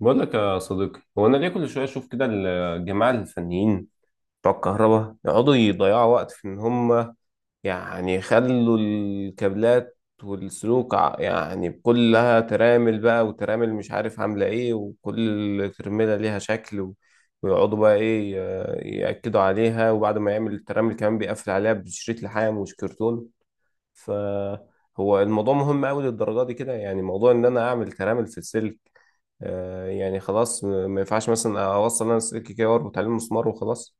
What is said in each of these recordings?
بقول لك يا صديقي، هو انا ليه كل شويه اشوف كده الجماعه الفنيين بتوع الكهرباء يقعدوا يضيعوا وقت في ان هم يعني يخلوا الكابلات والسلوك، يعني كلها ترامل بقى وترامل، مش عارف عامله ايه، وكل ترميله ليها شكل ويقعدوا بقى ايه، ياكدوا عليها. وبعد ما يعمل الترامل كمان بيقفل عليها بشريط لحام مش كرتون. فهو الموضوع مهم قوي للدرجه دي كده يعني؟ موضوع ان انا اعمل ترامل في السلك، آه يعني خلاص، ما ينفعش مثلا اوصل انا سلك كده واربط عليه المسمار وخلاص؟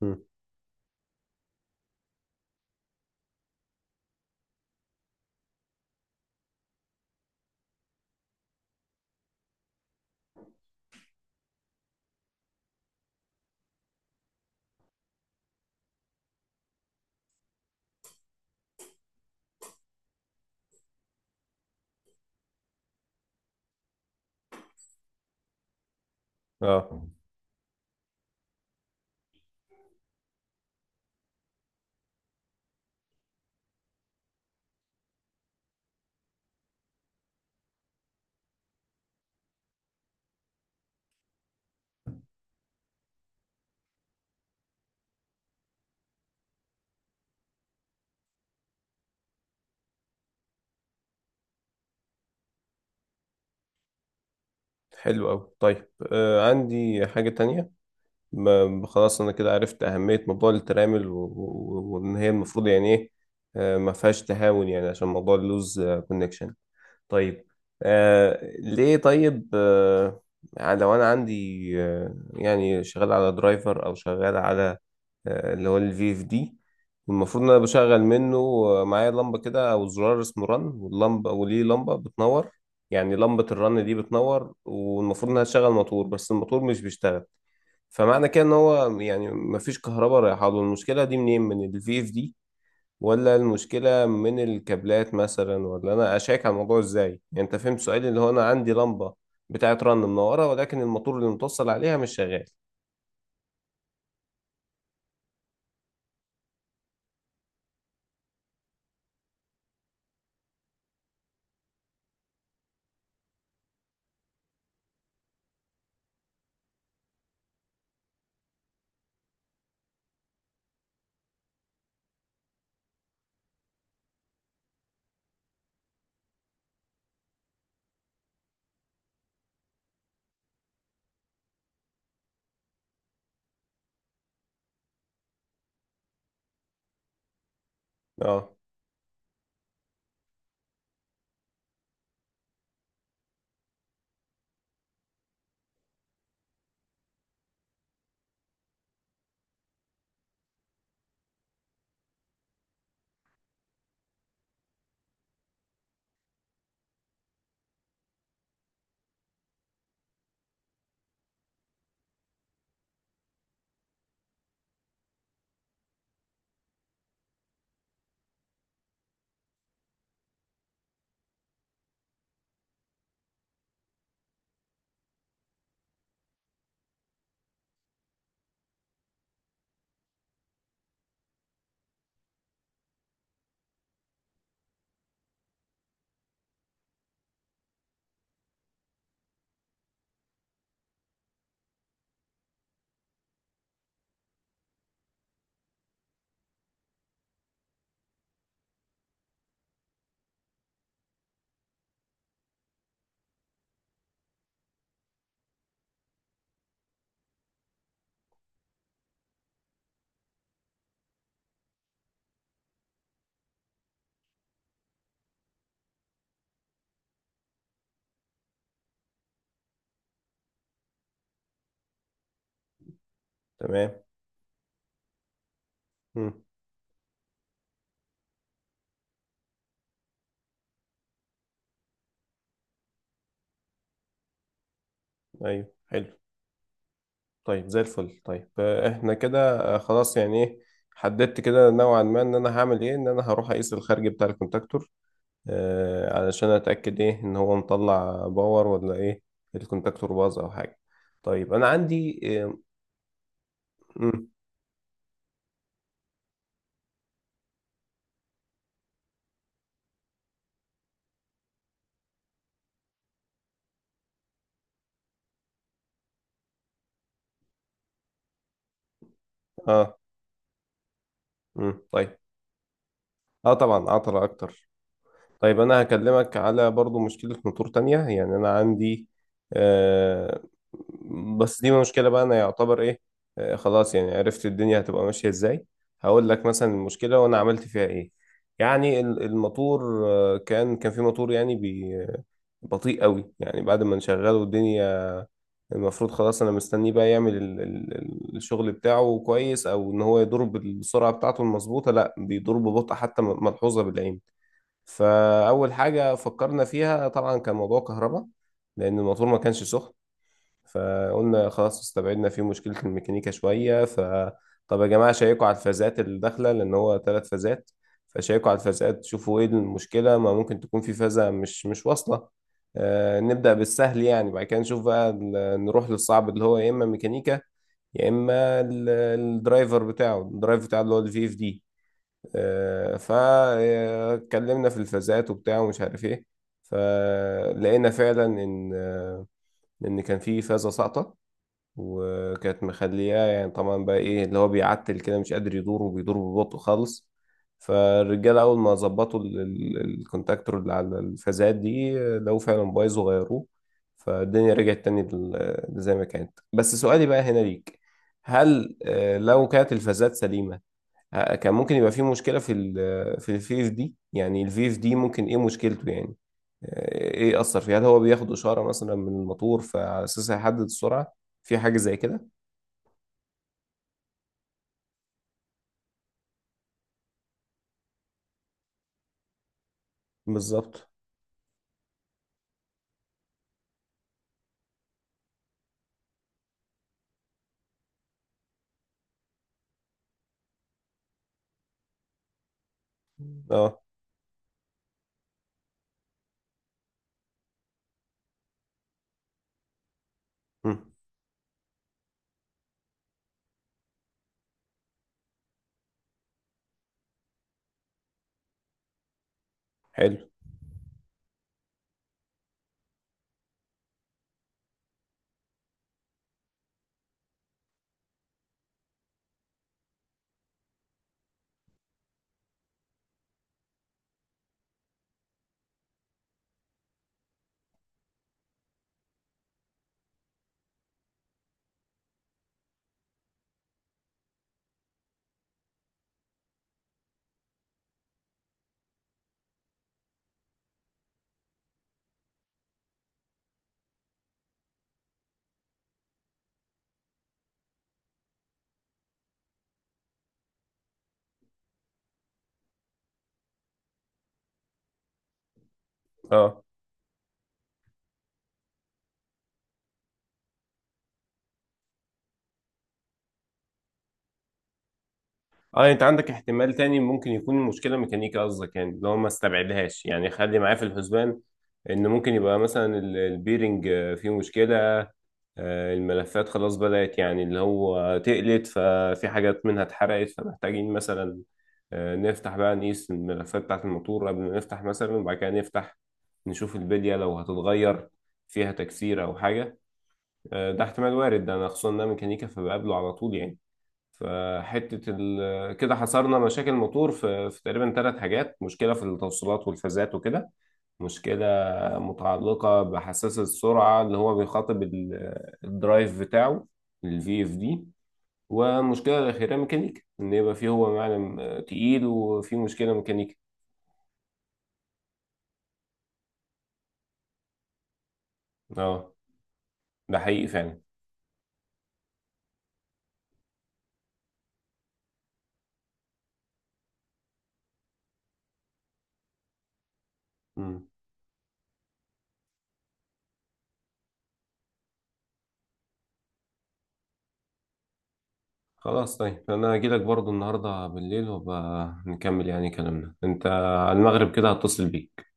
مم. اه، حلو قوي. طيب، عندي حاجة تانية. خلاص انا كده عرفت اهمية موضوع الترامل، وان هي المفروض يعني ايه، آه ما فيهاش تهاون، يعني عشان موضوع اللوز كونكشن. طيب، ليه؟ طيب، يعني لو انا عندي، يعني شغال على درايفر او شغال على اللي هو الفي اف دي، المفروض ان انا بشغل منه معايا لمبه كده او زرار اسمه رن، واللمبه، وليه لمبه بتنور. يعني لمبه الرن دي بتنور والمفروض انها تشغل موتور، بس الموتور مش بيشتغل. فمعنى كده ان هو يعني مفيش كهرباء رايحه له. المشكله دي منين، من الفي اف دي ولا المشكلة من الكابلات مثلا؟ ولا أنا أشيك على الموضوع إزاي؟ يعني أنت فهمت سؤالي، اللي هو أنا عندي لمبة بتاعت رن منورة، ولكن الموتور اللي متوصل عليها مش شغال. أه، تمام. مم. أيوه، حلو. طيب، زي الفل. طيب، إحنا كده خلاص، يعني إيه، حددت كده نوعا ما إن أنا هعمل إيه. إن أنا هروح أقيس الخارج بتاع الكونتاكتور علشان أتأكد إيه، إن هو مطلع باور ولا إيه، الكونتاكتور باظ أو حاجة. طيب أنا عندي مم. آه مم. طيب. اه، طبعا، عطلة اكتر. طيب، انا هكلمك على برضو مشكلة موتور تانية. يعني انا عندي آه بس دي مشكلة، بقى انا يعتبر ايه، آه خلاص يعني عرفت الدنيا هتبقى ماشية ازاي. هقول لك مثلا المشكلة وانا عملت فيها ايه. يعني الموتور كان في موتور يعني بطيء قوي. يعني بعد ما نشغله، الدنيا المفروض خلاص انا مستنيه بقى يعمل الشغل بتاعه كويس، او ان هو يدور بالسرعة بتاعته المظبوطة، لا بيدور ببطء حتى ملحوظة بالعين. فأول حاجة فكرنا فيها طبعا كان موضوع كهرباء، لأن الموتور ما كانش سخن. فقلنا خلاص، استبعدنا فيه مشكلة الميكانيكا شوية. فطب يا جماعة شيكوا على الفازات اللي داخلة، لأن هو ثلاث فازات. فشيكوا على الفازات شوفوا إيه المشكلة، ما ممكن تكون في فازة مش واصلة. نبدأ بالسهل يعني، بعد كده نشوف بقى نروح للصعب، اللي هو يا إما ميكانيكا، يا إما الدرايفر بتاعه، الدرايف بتاعه اللي هو الفي اف دي. فاتكلمنا في الفازات وبتاع ومش عارف ايه. فلقينا فعلا ان كان في فازه ساقطه، وكانت مخلياه. يعني طبعا بقى ايه اللي هو بيعتل كده، مش قادر يدور وبيدور ببطء خالص. فالرجاله اول ما ظبطوا الكونتاكتور اللي على الفازات دي لو فعلا بايظ، وغيروه، فالدنيا رجعت تاني زي ما كانت. بس سؤالي بقى هنا ليك، هل لو كانت الفازات سليمة، كان ممكن يبقى في مشكلة في الفي اف دي؟ يعني الفي اف دي ممكن ايه مشكلته يعني؟ ايه أثر فيه، هل هو بياخد إشارة مثلا من الموتور فعلى أساسها يحدد السرعة، في حاجة زي كده؟ بالظبط، اه. مم. حلو. اه، اه، انت عندك احتمال تاني، ممكن يكون المشكلة ميكانيكا، قصدك يعني اللي هو ما استبعدهاش يعني، خلي معاه في الحسبان، ان ممكن يبقى مثلا البيرنج فيه مشكلة. الملفات خلاص بدأت يعني اللي هو تقلت، ففي حاجات منها اتحرقت، فمحتاجين مثلا نفتح بقى نقيس الملفات بتاعة الموتور قبل ما نفتح، مثلا وبعد كده نفتح نشوف البلية لو هتتغير، فيها تكسير أو حاجة. ده احتمال وارد، ده أنا خصوصا إن أنا ميكانيكا فبقابله على طول يعني. فحتة كده حصرنا مشاكل موتور في، تقريبا ثلاث حاجات: مشكلة في التوصيلات والفازات وكده، مشكلة متعلقة بحساس السرعة اللي هو بيخاطب الدرايف بتاعه الفي اف دي، ومشكلة الأخيرة ميكانيكا، إن يبقى فيه هو معلم تقيل وفيه مشكلة ميكانيكا. اه، ده حقيقي فعلا. مم. خلاص. طيب أنا هجيلك برضو النهاردة بالليل وبقى نكمل يعني كلامنا. أنت على المغرب كده هتصل بيك.